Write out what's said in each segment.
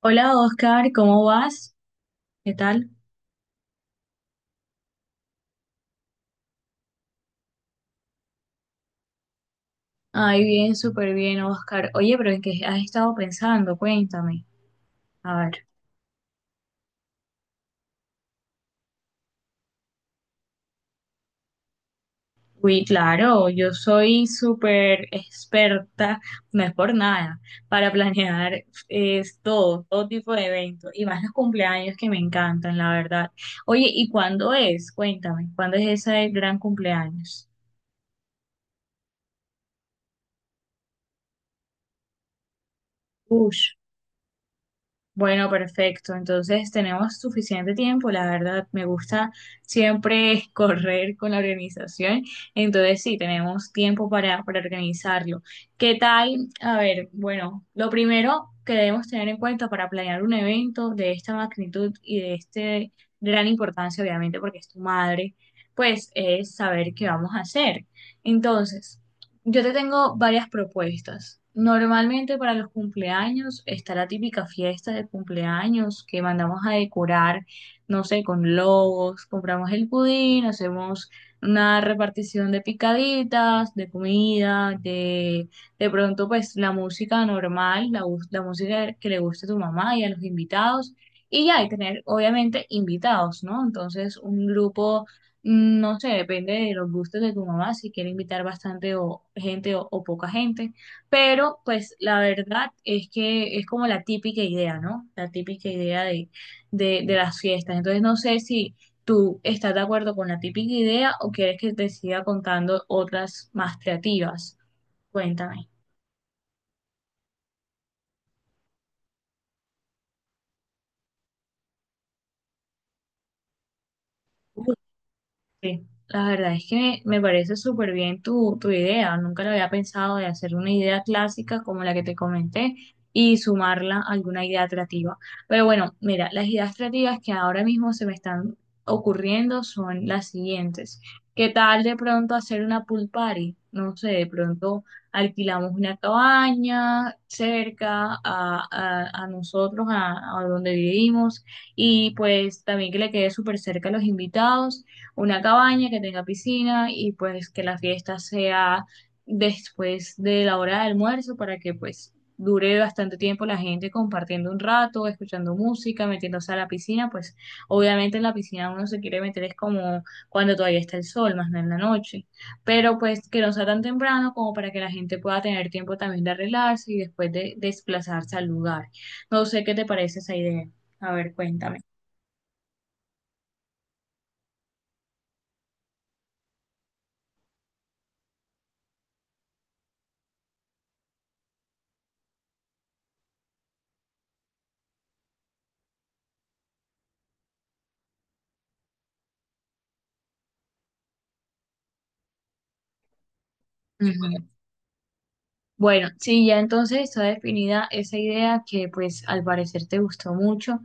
Hola Oscar, ¿cómo vas? ¿Qué tal? Ay, bien, súper bien, Oscar. Oye, pero ¿en qué has estado pensando? Cuéntame. A ver. Uy, claro, yo soy súper experta, no es por nada, para planear es todo, todo tipo de eventos, y más los cumpleaños que me encantan, la verdad. Oye, ¿y cuándo es? Cuéntame, ¿cuándo es ese gran cumpleaños? Uy. Bueno, perfecto. Entonces tenemos suficiente tiempo, la verdad. Me gusta siempre correr con la organización. Entonces sí, tenemos tiempo para organizarlo. ¿Qué tal? A ver, bueno, lo primero que debemos tener en cuenta para planear un evento de esta magnitud y de este gran importancia, obviamente, porque es tu madre, pues es saber qué vamos a hacer. Entonces. Yo te tengo varias propuestas. Normalmente para los cumpleaños está la típica fiesta de cumpleaños que mandamos a decorar, no sé, con logos, compramos el pudín, hacemos una repartición de picaditas, de comida, de pronto pues la música normal, la música que le guste a tu mamá y a los invitados. Y ya, y tener obviamente invitados, ¿no? Entonces un grupo, no sé, depende de los gustos de tu mamá, si quiere invitar bastante o gente o poca gente, pero pues la verdad es que es como la típica idea, ¿no? La típica idea de las fiestas. Entonces no sé si tú estás de acuerdo con la típica idea o quieres que te siga contando otras más creativas. Cuéntame. Sí, la verdad es que me parece súper bien tu idea. Nunca lo había pensado de hacer una idea clásica como la que te comenté y sumarla a alguna idea creativa. Pero bueno, mira, las ideas creativas que ahora mismo se me están ocurriendo son las siguientes. ¿Qué tal de pronto hacer una pool party? No sé, de pronto alquilamos una cabaña cerca a nosotros, a donde vivimos, y pues también que le quede súper cerca a los invitados una cabaña que tenga piscina y pues que la fiesta sea después de la hora de almuerzo para que pues dure bastante tiempo la gente compartiendo un rato, escuchando música, metiéndose a la piscina, pues obviamente en la piscina uno se quiere meter es como cuando todavía está el sol, más no en la noche, pero pues que no sea tan temprano como para que la gente pueda tener tiempo también de arreglarse y después de desplazarse al lugar. No sé qué te parece esa idea. A ver, cuéntame. Ujú. Bueno, sí, ya entonces está definida esa idea que pues al parecer te gustó mucho.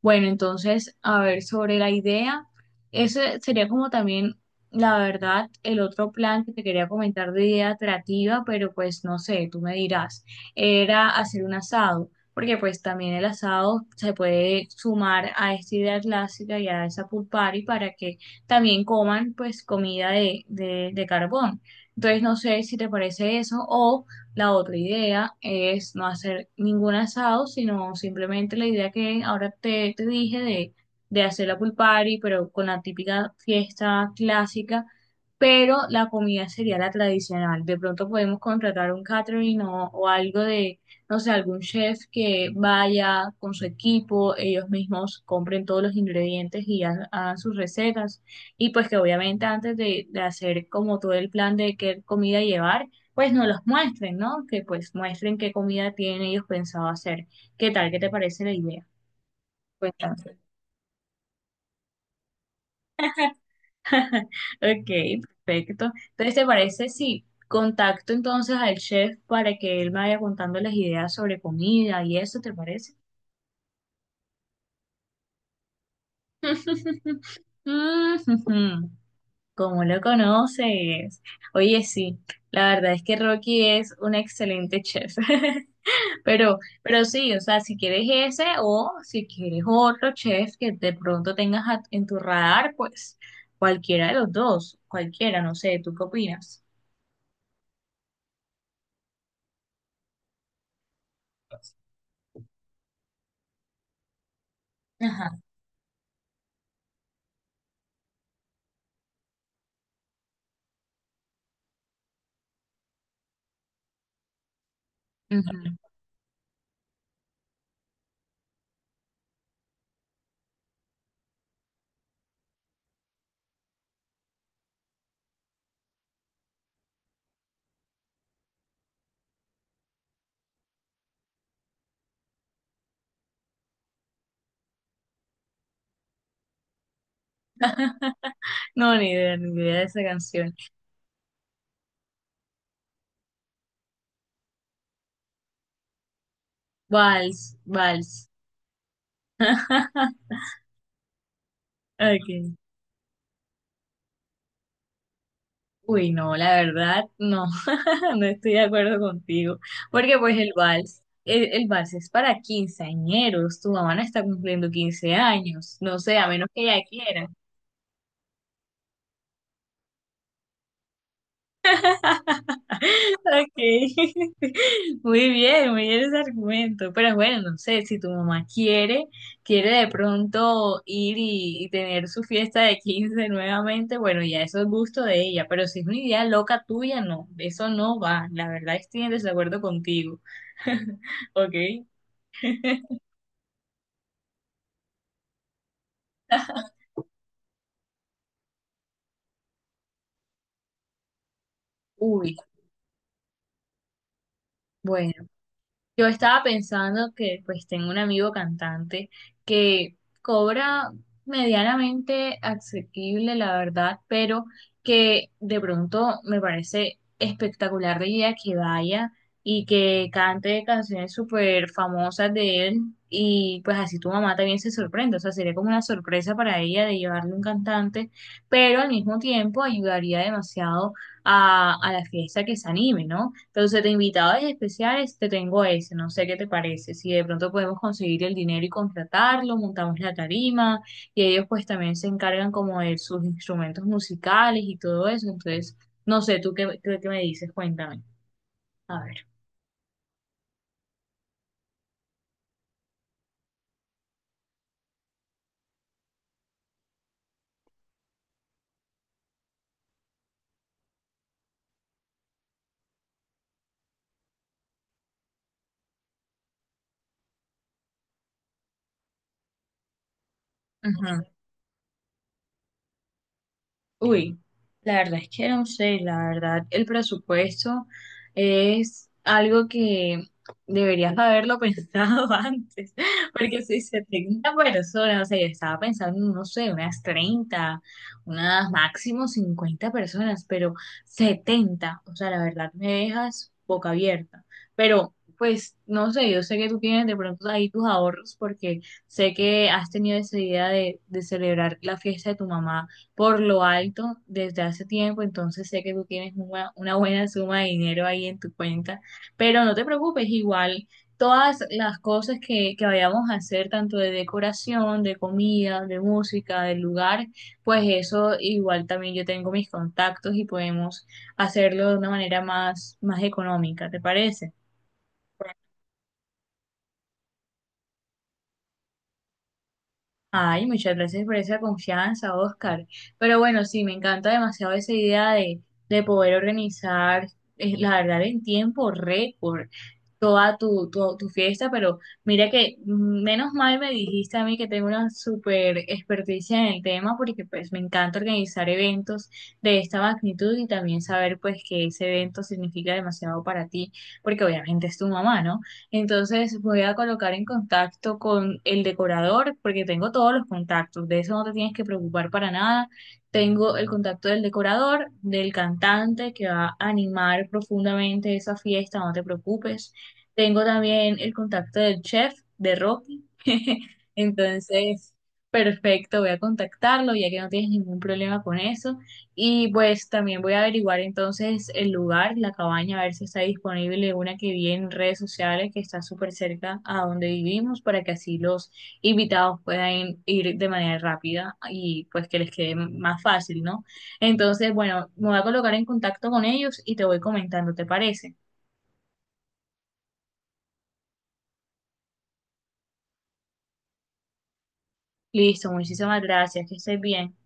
Bueno, entonces, a ver, sobre la idea, ese sería como también, la verdad, el otro plan que te quería comentar de idea atractiva, pero pues no sé, tú me dirás, era hacer un asado, porque pues también el asado se puede sumar a esta idea clásica y a esa pool party para que también coman pues comida de carbón. Entonces, no sé si te parece eso, o. La otra idea es no hacer ningún asado, sino simplemente la idea que ahora te dije de hacer la pool party, pero con la típica fiesta clásica, pero la comida sería la tradicional. De pronto podemos contratar un catering o algo de, no sé, algún chef que vaya con su equipo, ellos mismos compren todos los ingredientes y hagan sus recetas. Y pues que obviamente antes de hacer como todo el plan de qué comida llevar, pues no los muestren, ¿no? Que pues muestren qué comida tienen ellos pensado hacer. ¿Qué tal? ¿Qué te parece la idea? Cuéntame. Ok, perfecto. Entonces, ¿te parece si contacto entonces al chef para que él me vaya contando las ideas sobre comida y eso? ¿Te parece? Mm. ¿Cómo lo conoces? Oye, sí, la verdad es que Rocky es un excelente chef. Pero sí, o sea, si quieres ese o si quieres otro chef que de pronto tengas en tu radar, pues cualquiera de los dos, cualquiera, no sé, ¿tú qué opinas? Ajá. Ujú. No, ni idea, ni idea de esa canción. Vals, vals. Okay. Uy, no, la verdad, no, no estoy de acuerdo contigo, porque pues el vals, el vals es para quinceañeros, tu mamá no está cumpliendo 15 años, no sé, a menos que ella quiera. Ok, muy bien ese argumento. Pero bueno, no sé, si tu mamá quiere, quiere de pronto ir y tener su fiesta de 15 nuevamente, bueno, ya eso es gusto de ella, pero si es una idea loca tuya, no, eso no va. La verdad estoy en desacuerdo contigo. Ok. Uy, bueno. Yo estaba pensando que pues tengo un amigo cantante que cobra medianamente asequible, la verdad, pero que de pronto me parece espectacular de idea que vaya y que cante canciones súper famosas de él y pues así tu mamá también se sorprende, o sea, sería como una sorpresa para ella de llevarle un cantante, pero al mismo tiempo ayudaría demasiado a la fiesta que se anime, ¿no? Entonces, de invitados especiales te tengo ese, no sé qué te parece. Si de pronto podemos conseguir el dinero y contratarlo, montamos la tarima y ellos pues también se encargan como de sus instrumentos musicales y todo eso. Entonces, no sé, tú qué, qué me dices, cuéntame. A ver. Ujú. Uy, la verdad es que no sé, la verdad, el presupuesto es algo que deberías haberlo pensado antes, porque si se 30 personas, o sea, yo estaba pensando, no sé, unas 30, unas máximo 50 personas, pero 70, o sea, la verdad me dejas boca abierta, pero pues no sé, yo sé que tú tienes de pronto ahí tus ahorros porque sé que has tenido esa idea de celebrar la fiesta de tu mamá por lo alto desde hace tiempo, entonces sé que tú tienes una buena suma de dinero ahí en tu cuenta, pero no te preocupes, igual todas las cosas que vayamos a hacer, tanto de decoración, de comida, de música, del lugar, pues eso igual también yo tengo mis contactos y podemos hacerlo de una manera más económica, ¿te parece? Ay, muchas gracias por esa confianza, Oscar. Pero bueno, sí, me encanta demasiado esa idea de poder organizar, la verdad, en tiempo récord toda tu fiesta, pero mira que menos mal me dijiste a mí que tengo una súper experticia en el tema porque pues me encanta organizar eventos de esta magnitud y también saber pues que ese evento significa demasiado para ti porque obviamente es tu mamá, ¿no? Entonces voy a colocar en contacto con el decorador porque tengo todos los contactos, de eso no te tienes que preocupar para nada. Tengo el contacto del decorador, del cantante que va a animar profundamente esa fiesta, no te preocupes. Tengo también el contacto del chef de Rocky. Entonces, perfecto, voy a contactarlo ya que no tienes ningún problema con eso. Y pues también voy a averiguar entonces el lugar, la cabaña, a ver si está disponible una que vi en redes sociales que está súper cerca a donde vivimos para que así los invitados puedan ir de manera rápida y pues que les quede más fácil, ¿no? Entonces, bueno, me voy a colocar en contacto con ellos y te voy comentando, ¿te parece? Listo, muchísimas gracias, que estés bien.